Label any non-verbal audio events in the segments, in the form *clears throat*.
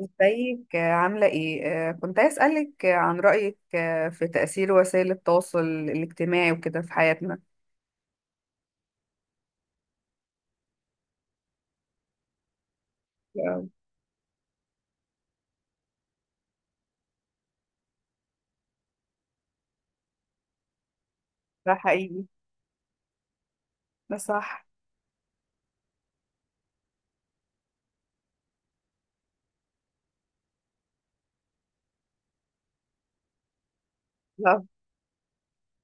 ازيك؟ عاملة ايه؟ كنت عايز اسألك عن رأيك في تأثير وسائل التواصل الاجتماعي وكده في حياتنا. أوي. ده حقيقي. ده صح. لا.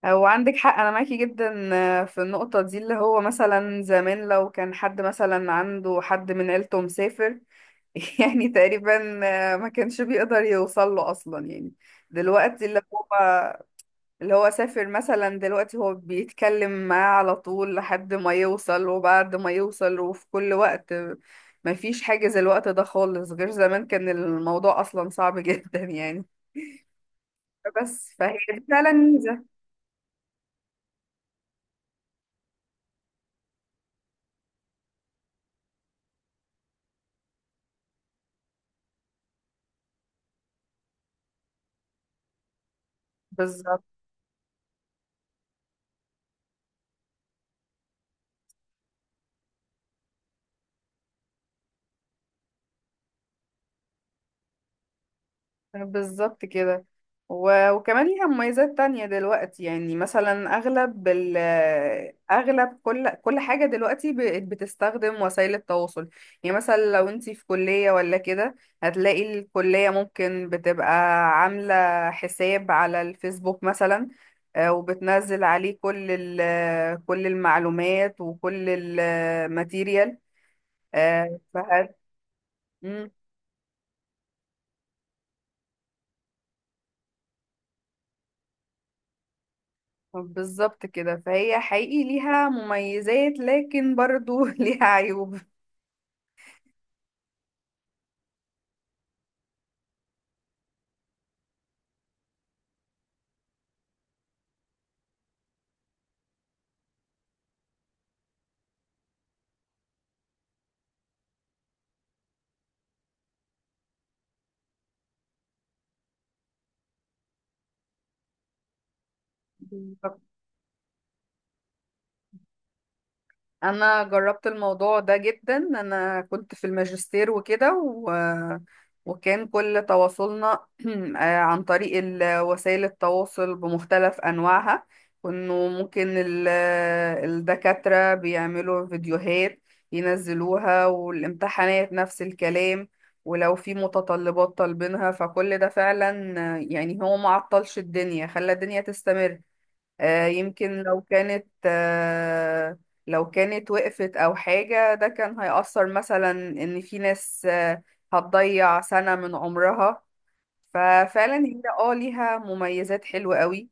هو عندك حق، انا معاكي جدا. في النقطة دي اللي هو مثلا زمان لو كان حد مثلا عنده حد من عيلته مسافر. *laughs* يعني تقريبا ما كانش بيقدر يوصل له اصلا يعني. دلوقتي اللي هو اللي هو سافر مثلا دلوقتي هو بيتكلم معاه على طول لحد ما يوصل، وبعد ما يوصل وفي كل وقت. مفيش حاجة زي الوقت ده خالص، غير زمان كان الموضوع أصلا صعب *laughs* جدا يعني. بس فهي دي فعلا ميزة. بالظبط. بالظبط كده، وكمان ليها مميزات تانية دلوقتي، يعني مثلا أغلب كل حاجة دلوقتي بقت بتستخدم وسائل التواصل. يعني مثلا لو انتي في كلية ولا كده، هتلاقي الكلية ممكن بتبقى عاملة حساب على الفيسبوك مثلا. وبتنزل عليه كل المعلومات وكل الماتيريال. فهت... بالظبط كده، فهي حقيقي ليها مميزات، لكن برضو *laughs* ليها عيوب. انا جربت الموضوع ده جدا، انا كنت في الماجستير وكده، وكان كل تواصلنا *clears throat* عن طريق وسائل التواصل بمختلف انواعها. كانوا ممكن الدكاترة بيعملوا فيديوهات ينزلوها، والامتحانات نفس الكلام. ولو في متطلبات طالبينها فكل ده فعلا يعني هو معطلش الدنيا، خلى الدنيا تستمر. يمكن لو كانت وقفت أو حاجة، ده كان هيأثر مثلا إن في ناس هتضيع سنة من عمرها. ففعلا هي ليها مميزات حلوة قوي.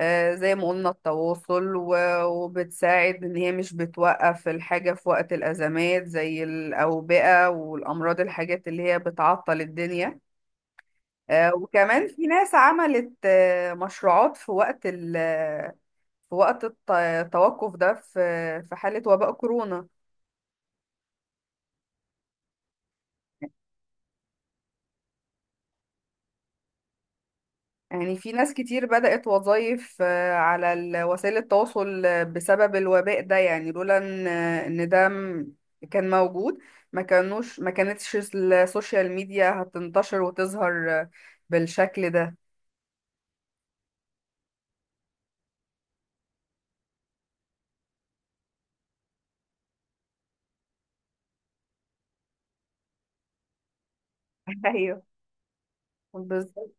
زي ما قلنا التواصل، وبتساعد إن هي مش بتوقف الحاجة في وقت الأزمات، زي الأوبئة والأمراض، الحاجات اللي هي بتعطل الدنيا. وكمان في ناس عملت مشروعات في وقت ال في وقت الت- التوقف ده في حالة وباء كورونا. يعني في ناس كتير بدأت وظائف على وسائل التواصل بسبب الوباء ده، يعني لولا إن ده كان موجود، ما كانتش السوشيال ميديا هتنتشر وتظهر بالشكل ده. *laughs* ايوه، بالظبط.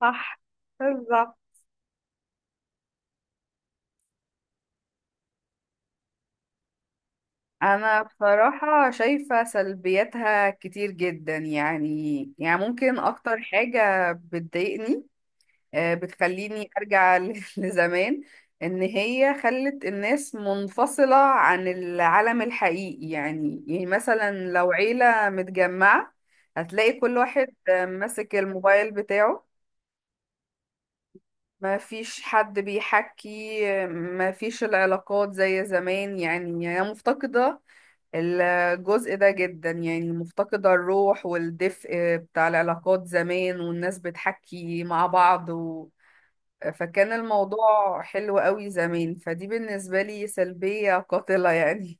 صح، بالظبط. انا بصراحة شايفة سلبياتها كتير جدا، يعني ممكن اكتر حاجة بتضايقني بتخليني ارجع *laughs* لزمان. ان هي خلت الناس منفصلة عن العالم الحقيقي، يعني مثلا لو عيلة متجمعة هتلاقي كل واحد ماسك الموبايل بتاعه. ما فيش حد بيحكي، ما فيش العلاقات زي زمان، يعني هي مفتقدة الجزء ده جدا، يعني مفتقدة الروح والدفء بتاع العلاقات زمان والناس بتحكي مع بعض. فكان الموضوع حلو قوي زمان، فدي بالنسبة لي سلبية قاتلة يعني.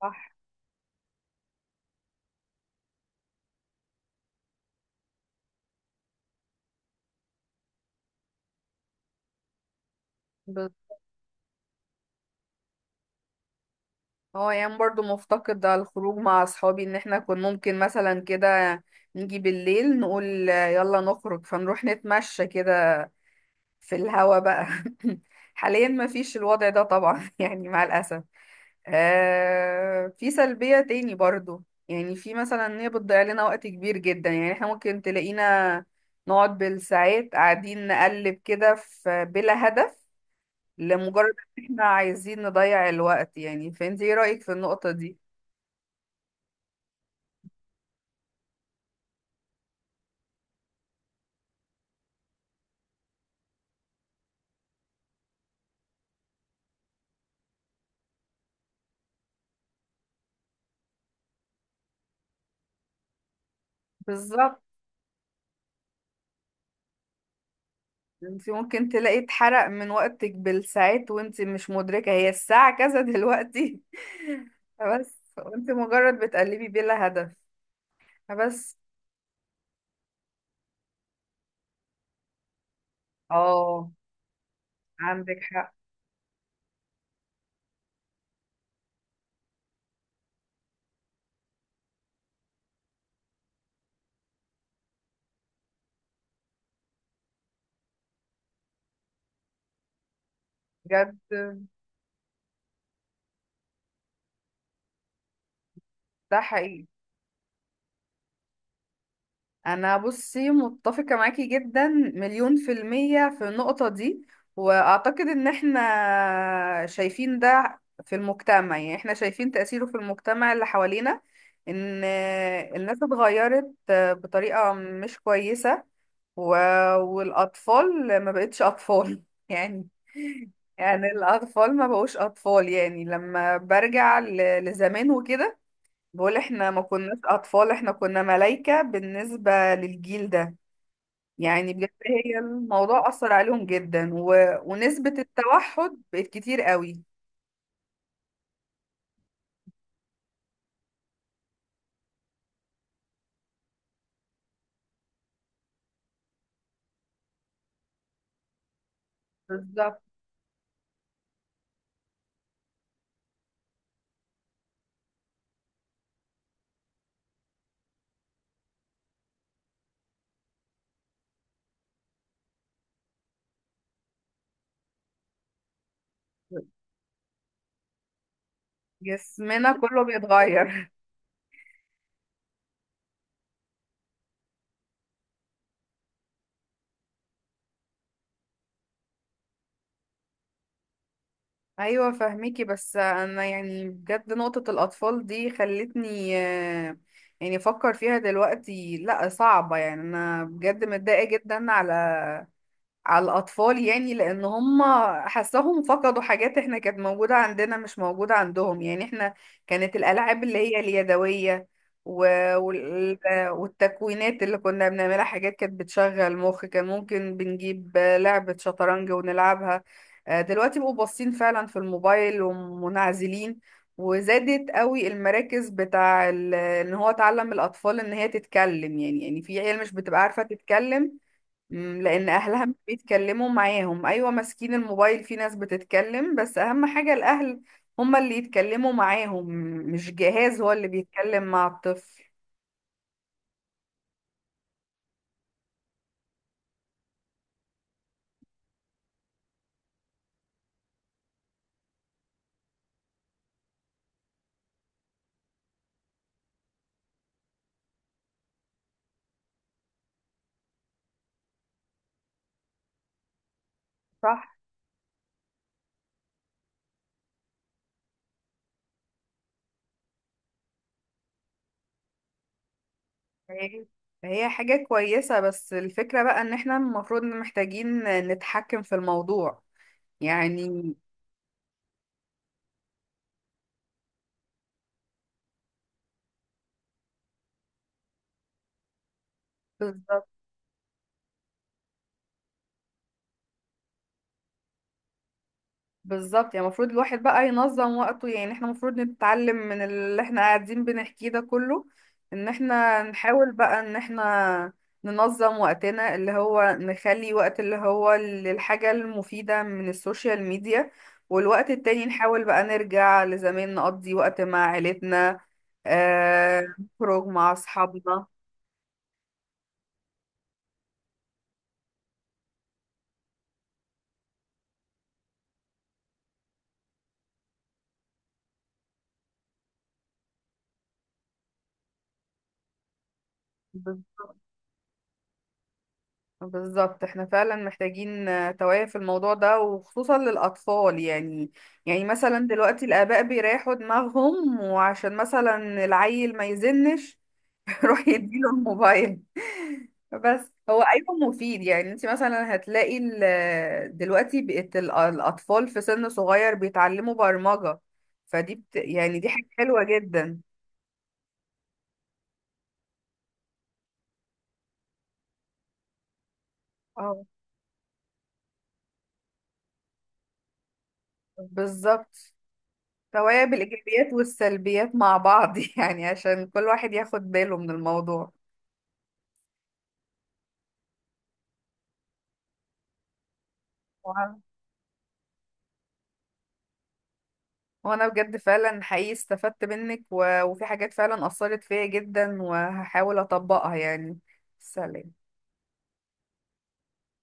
صح. بس هو يعني برضو مفتقد على الخروج مع أصحابي، إن إحنا كنا ممكن مثلا كده نيجي بالليل نقول يلا نخرج، فنروح نتمشى كده في الهوا بقى. *laughs* حاليا مفيش الوضع ده طبعا *laughs* يعني مع الأسف. في سلبية تاني برضو، يعني في مثلا ان هي بتضيع لنا وقت كبير جدا، يعني احنا ممكن تلاقينا نقعد بالساعات قاعدين نقلب كده في بلا هدف، لمجرد ان احنا عايزين نضيع الوقت، يعني فانت ايه رأيك في النقطة دي؟ بالظبط. انت ممكن تلاقي اتحرق من وقتك بالساعات وانت مش مدركة هي الساعة كذا دلوقتي *laughs* بس وانت مجرد بتقلبي بلا هدف. بس، اه، عندك حق بجد، ده حقيقي. انا بصي متفقة معاكي جدا 1000000% في النقطة دي، واعتقد ان احنا شايفين ده في المجتمع، يعني احنا شايفين تأثيره في المجتمع اللي حوالينا، ان الناس اتغيرت بطريقة مش كويسة. و... والاطفال ما بقتش اطفال *laughs* يعني. يعني الاطفال ما بقوش اطفال، يعني لما برجع لزمان وكده، بقول احنا ما كناش اطفال، احنا كنا ملايكة بالنسبة للجيل ده. يعني بجد هي الموضوع اثر عليهم جدا، ونسبة التوحد بقت كتير قوي. بالظبط. جسمنا كله بيتغير. *laughs* ايوه فاهميكي، بس انا يعني بجد نقطة الاطفال دي خلتني يعني افكر فيها دلوقتي، لا صعبة يعني، انا بجد متضايقة جدا على الأطفال، يعني لأن هم حسهم فقدوا حاجات احنا كانت موجودة عندنا مش موجودة عندهم. يعني احنا كانت الألعاب اللي هي اليدوية و- وال- والتكوينات اللي كنا بنعملها حاجات كانت بتشغل مخ، كان ممكن بنجيب لعبة شطرنج ونلعبها. دلوقتي بقوا باصين فعلا في الموبايل ومنعزلين. وزادت قوي المراكز بتاع ان هو تعلم الأطفال ان هي تتكلم، يعني في عيال مش بتبقى عارفة تتكلم. لان اهلها مش بيتكلموا معاهم، ايوه ماسكين الموبايل، في ناس بتتكلم بس اهم حاجة الاهل هما اللي يتكلموا معاهم، مش جهاز هو اللي بيتكلم مع الطفل. صح. هي هي حاجة كويسة، بس الفكرة بقى ان احنا المفروض محتاجين نتحكم في الموضوع يعني. بالظبط، بالظبط، يعني المفروض الواحد بقى ينظم وقته، يعني احنا المفروض نتعلم من اللي احنا قاعدين بنحكيه ده كله، ان احنا نحاول بقى ان احنا ننظم وقتنا اللي هو نخلي وقت اللي هو للحاجة المفيدة من السوشيال ميديا، والوقت التاني نحاول بقى نرجع لزمان نقضي وقت مع عيلتنا. نخرج مع اصحابنا. بالظبط، احنا فعلا محتاجين توعية في الموضوع ده، وخصوصا للأطفال يعني. يعني مثلا دلوقتي الآباء بيريحوا دماغهم، وعشان مثلا العيل ما يزنش *laughs* يروح يديله الموبايل. بس هو أيوه مفيد، يعني انت مثلا هتلاقي دلوقتي بقت الأطفال في سن صغير بيتعلموا برمجة. فدي يعني دي حاجة حلوة جدا. اه، بالظبط، توعية بالإيجابيات والسلبيات مع بعض *laughs* يعني عشان كل واحد ياخد باله من الموضوع. وأنا وأنا بجد فعلا حقيقي استفدت منك، وفي حاجات فعلا أثرت فيا جدا، وهحاول أطبقها يعني. سلام.